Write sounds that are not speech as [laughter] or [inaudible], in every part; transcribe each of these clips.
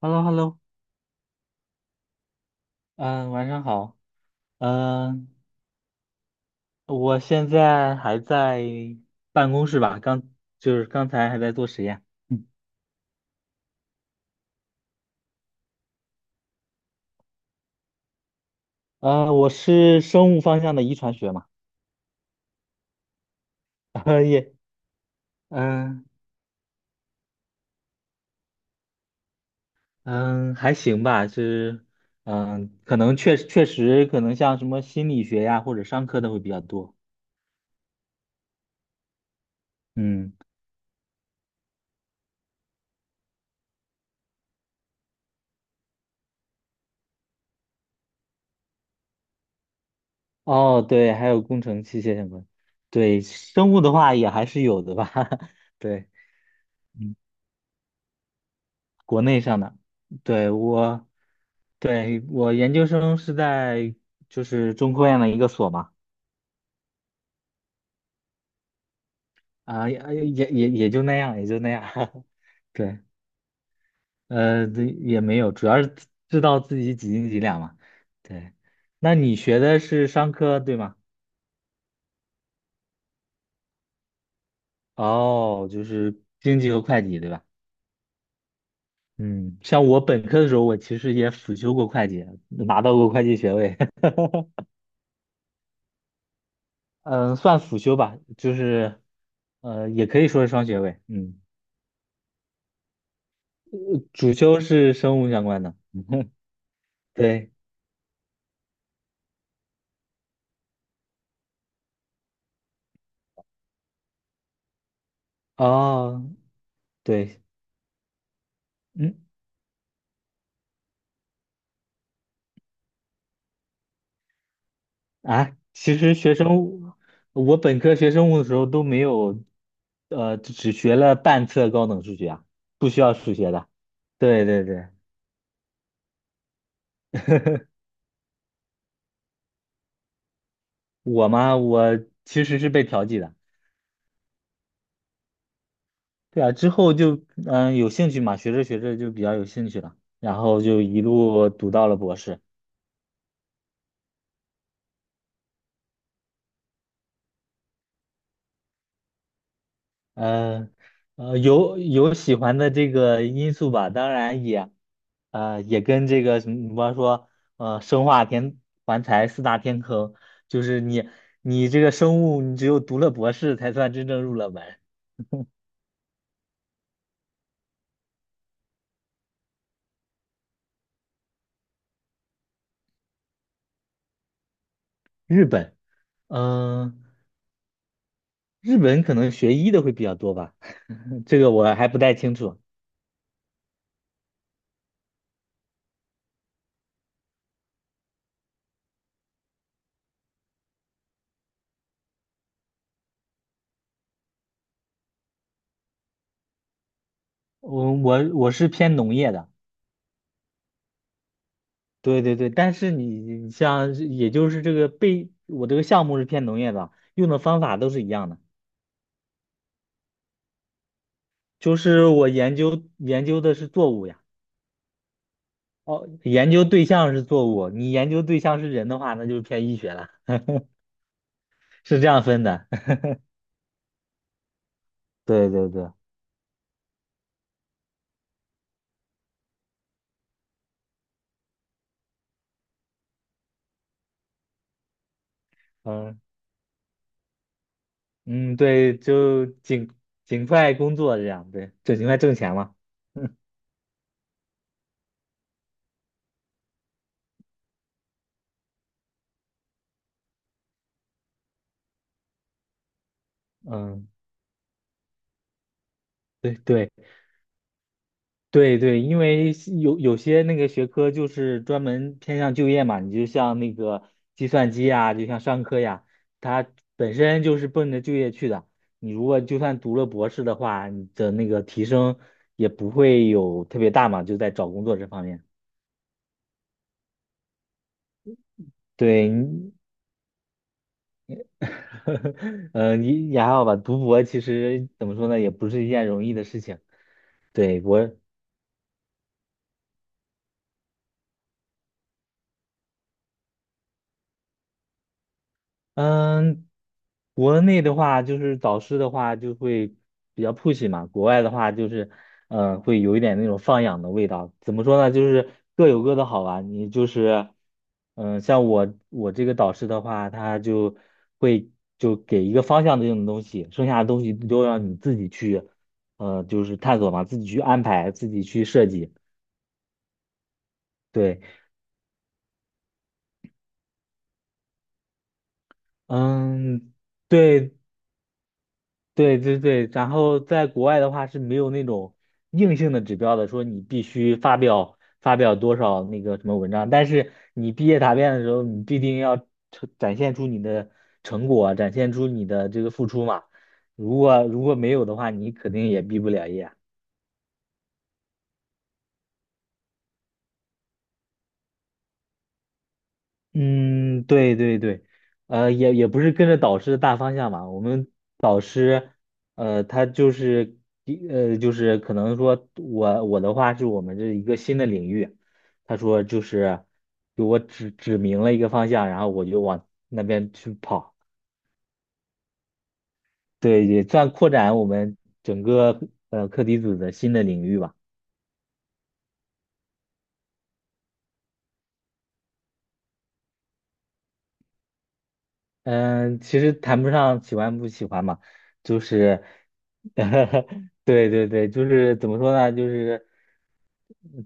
h e l l o h e l l o 嗯，晚上好。嗯，我现在还在办公室吧，刚就是刚才还在做实验。嗯，我是生物方向的遗传学嘛。[laughs] 呃也，嗯嗯，还行吧，是。嗯，可能确实，可能像什么心理学呀或者商科的会比较多。嗯，哦，对，还有工程器械相关。对，生物的话也还是有的吧。[laughs] 对。嗯。国内上的。对，我，对，我研究生是在中科院的一个所嘛。啊，也就那样，也就那样。[laughs] 对，这也没有，主要是知道自己几斤几两嘛。对，那你学的是商科，对吗？哦，就是经济和会计，对吧？嗯，像我本科的时候，我其实也辅修过会计，拿到过会计学位。[laughs] 嗯，算辅修吧，就是也可以说是双学位。嗯，主修是生物相关的。[laughs] 对，哦，对，嗯，啊，其实学生物，我本科学生物的时候都没有，只学了半册高等数学啊，不需要数学的。对对对，我其实是被调剂的。对啊，之后就有兴趣嘛，学着学着就比较有兴趣了，然后就一路读到了博士。呃有喜欢的这个因素吧，当然也跟这个什么，比方说生化天环材四大天坑。就是你这个生物，你只有读了博士才算真正入了门。日本，嗯、日本可能学医的会比较多吧，[laughs] 这个我还不太清楚。我是偏农业的。对对对，但是你像也就是这个被我这个项目是偏农业的，用的方法都是一样的。就是我研究的是作物呀。哦，研究对象是作物，你研究对象是人的话，那就是偏医学了。[laughs] 是这样分的。[laughs] 对对对，嗯嗯，对，就尽快工作这样，对，就尽快挣钱嘛。[laughs] 嗯，对对。对对，因为是有些那个学科就是专门偏向就业嘛，你就像那个计算机呀，就像商科呀，它本身就是奔着就业去的。你如果就算读了博士的话，你的那个提升也不会有特别大嘛，就在找工作这方面。对，你。 [laughs] 你也还好吧，读博其实怎么说呢，也不是一件容易的事情。对，我。嗯，国内的话就是导师的话就会比较 push 嘛，国外的话就是，会有一点那种放养的味道。怎么说呢？就是各有各的好吧。你就是，像我这个导师的话，他会就给一个方向这种东西，剩下的东西都让你自己去，就是探索嘛，自己去安排，自己去设计。对，嗯。对，对对对，然后在国外的话是没有那种硬性的指标的，说你必须发表多少那个什么文章，但是你毕业答辩的时候，你必定要呈展现出你的成果，展现出你的这个付出嘛。如果没有的话，你肯定也毕不了业。嗯，对对对，也不是跟着导师的大方向嘛。我们导师，呃，他就是一，呃，就是可能说我的话是我们这一个新的领域。他说就是给我指明了一个方向，然后我就往那边去跑。对，也算扩展我们整个课题组的新的领域吧。嗯，其实谈不上喜欢不喜欢嘛，就是，[laughs] 对对对，就是怎么说呢，就是，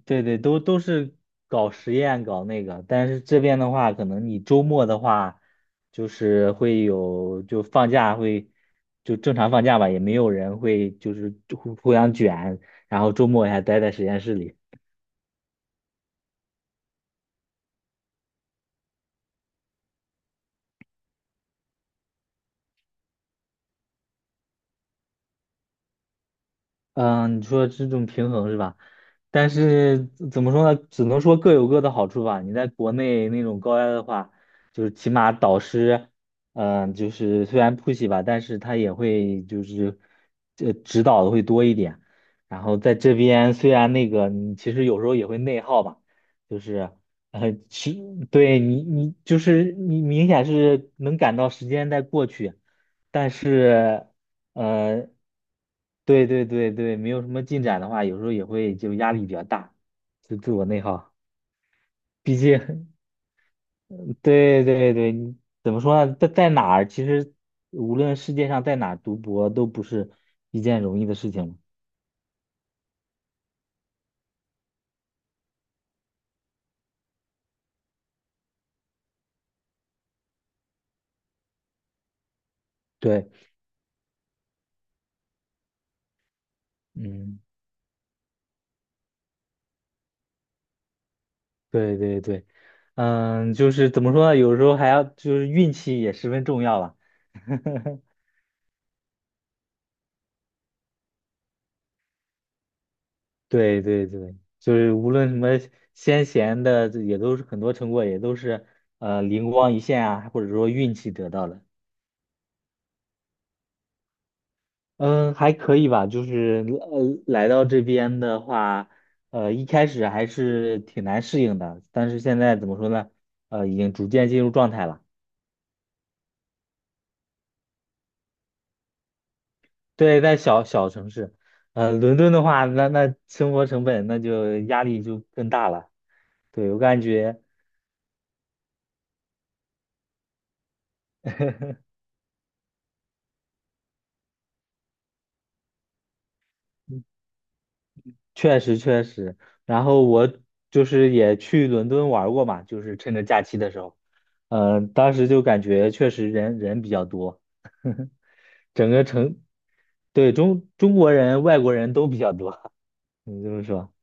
对对，都是搞实验搞那个，但是这边的话，可能你周末的话，就是会有就放假会就正常放假吧，也没有人会就是互相卷，然后周末还待在实验室里。嗯，你说这种平衡是吧？但是怎么说呢？只能说各有各的好处吧。你在国内那种高压的话，就是起码导师，就是虽然 push 吧，但是他也会就是这指导的会多一点。然后在这边虽然那个你其实有时候也会内耗吧，就是呃，其对，你就是你明显是能感到时间在过去，但是。呃，对对对对，没有什么进展的话，有时候也会就压力比较大，就自我内耗。毕竟，[laughs] 对对对，你怎么说呢？在哪儿，其实无论世界上在哪儿读博都不是一件容易的事情嘛。对，嗯，对对对，嗯，就是怎么说呢？有时候还要就是运气也十分重要吧。[laughs] 对对对，就是无论什么先贤的，这也都是很多成果，也都是灵光一现啊，或者说运气得到的。嗯，还可以吧，就是来到这边的话，一开始还是挺难适应的，但是现在怎么说呢？已经逐渐进入状态了。对，在小小城市，伦敦的话，那生活成本那就压力就更大了。对，我感觉。确实确实，然后我就是也去伦敦玩过嘛，就是趁着假期的时候。嗯，当时就感觉确实人比较多，[laughs] 整个城，对，中国人、外国人都比较多。[laughs] 你这么说。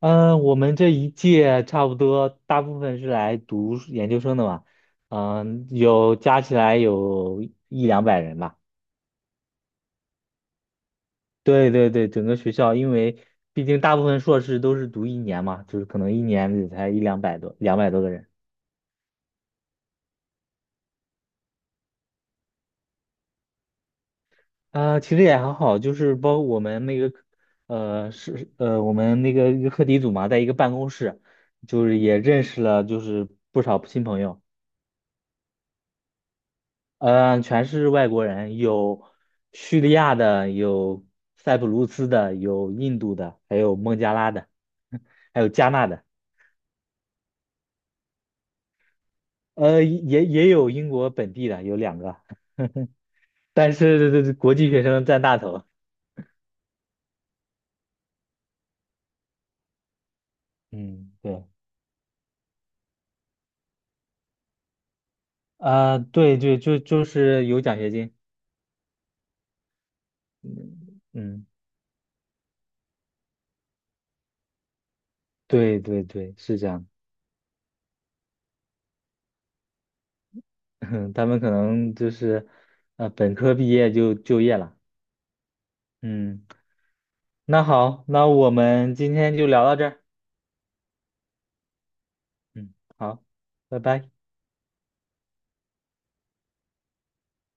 嗯，我们这一届差不多大部分是来读研究生的嘛，嗯，加起来有一两百人吧。对对对，整个学校，因为毕竟大部分硕士都是读一年嘛，就是可能一年也才一两百多、两百多个人。啊、其实也还好，就是包括我们那个，我们那个一个课题组嘛，在一个办公室，就是也认识了就是不少新朋友。全是外国人，有叙利亚的，有塞浦路斯的，有印度的，还有孟加拉的，[laughs] 还有加纳的，也有英国本地的，有两个。但是这国际学生占大头。嗯，对，啊、对对，就就是有奖学金。嗯，嗯对对对，是这样。[laughs] 他们可能就是，本科毕业就就业了。嗯，那好，那我们今天就聊到这儿。嗯，好，拜拜。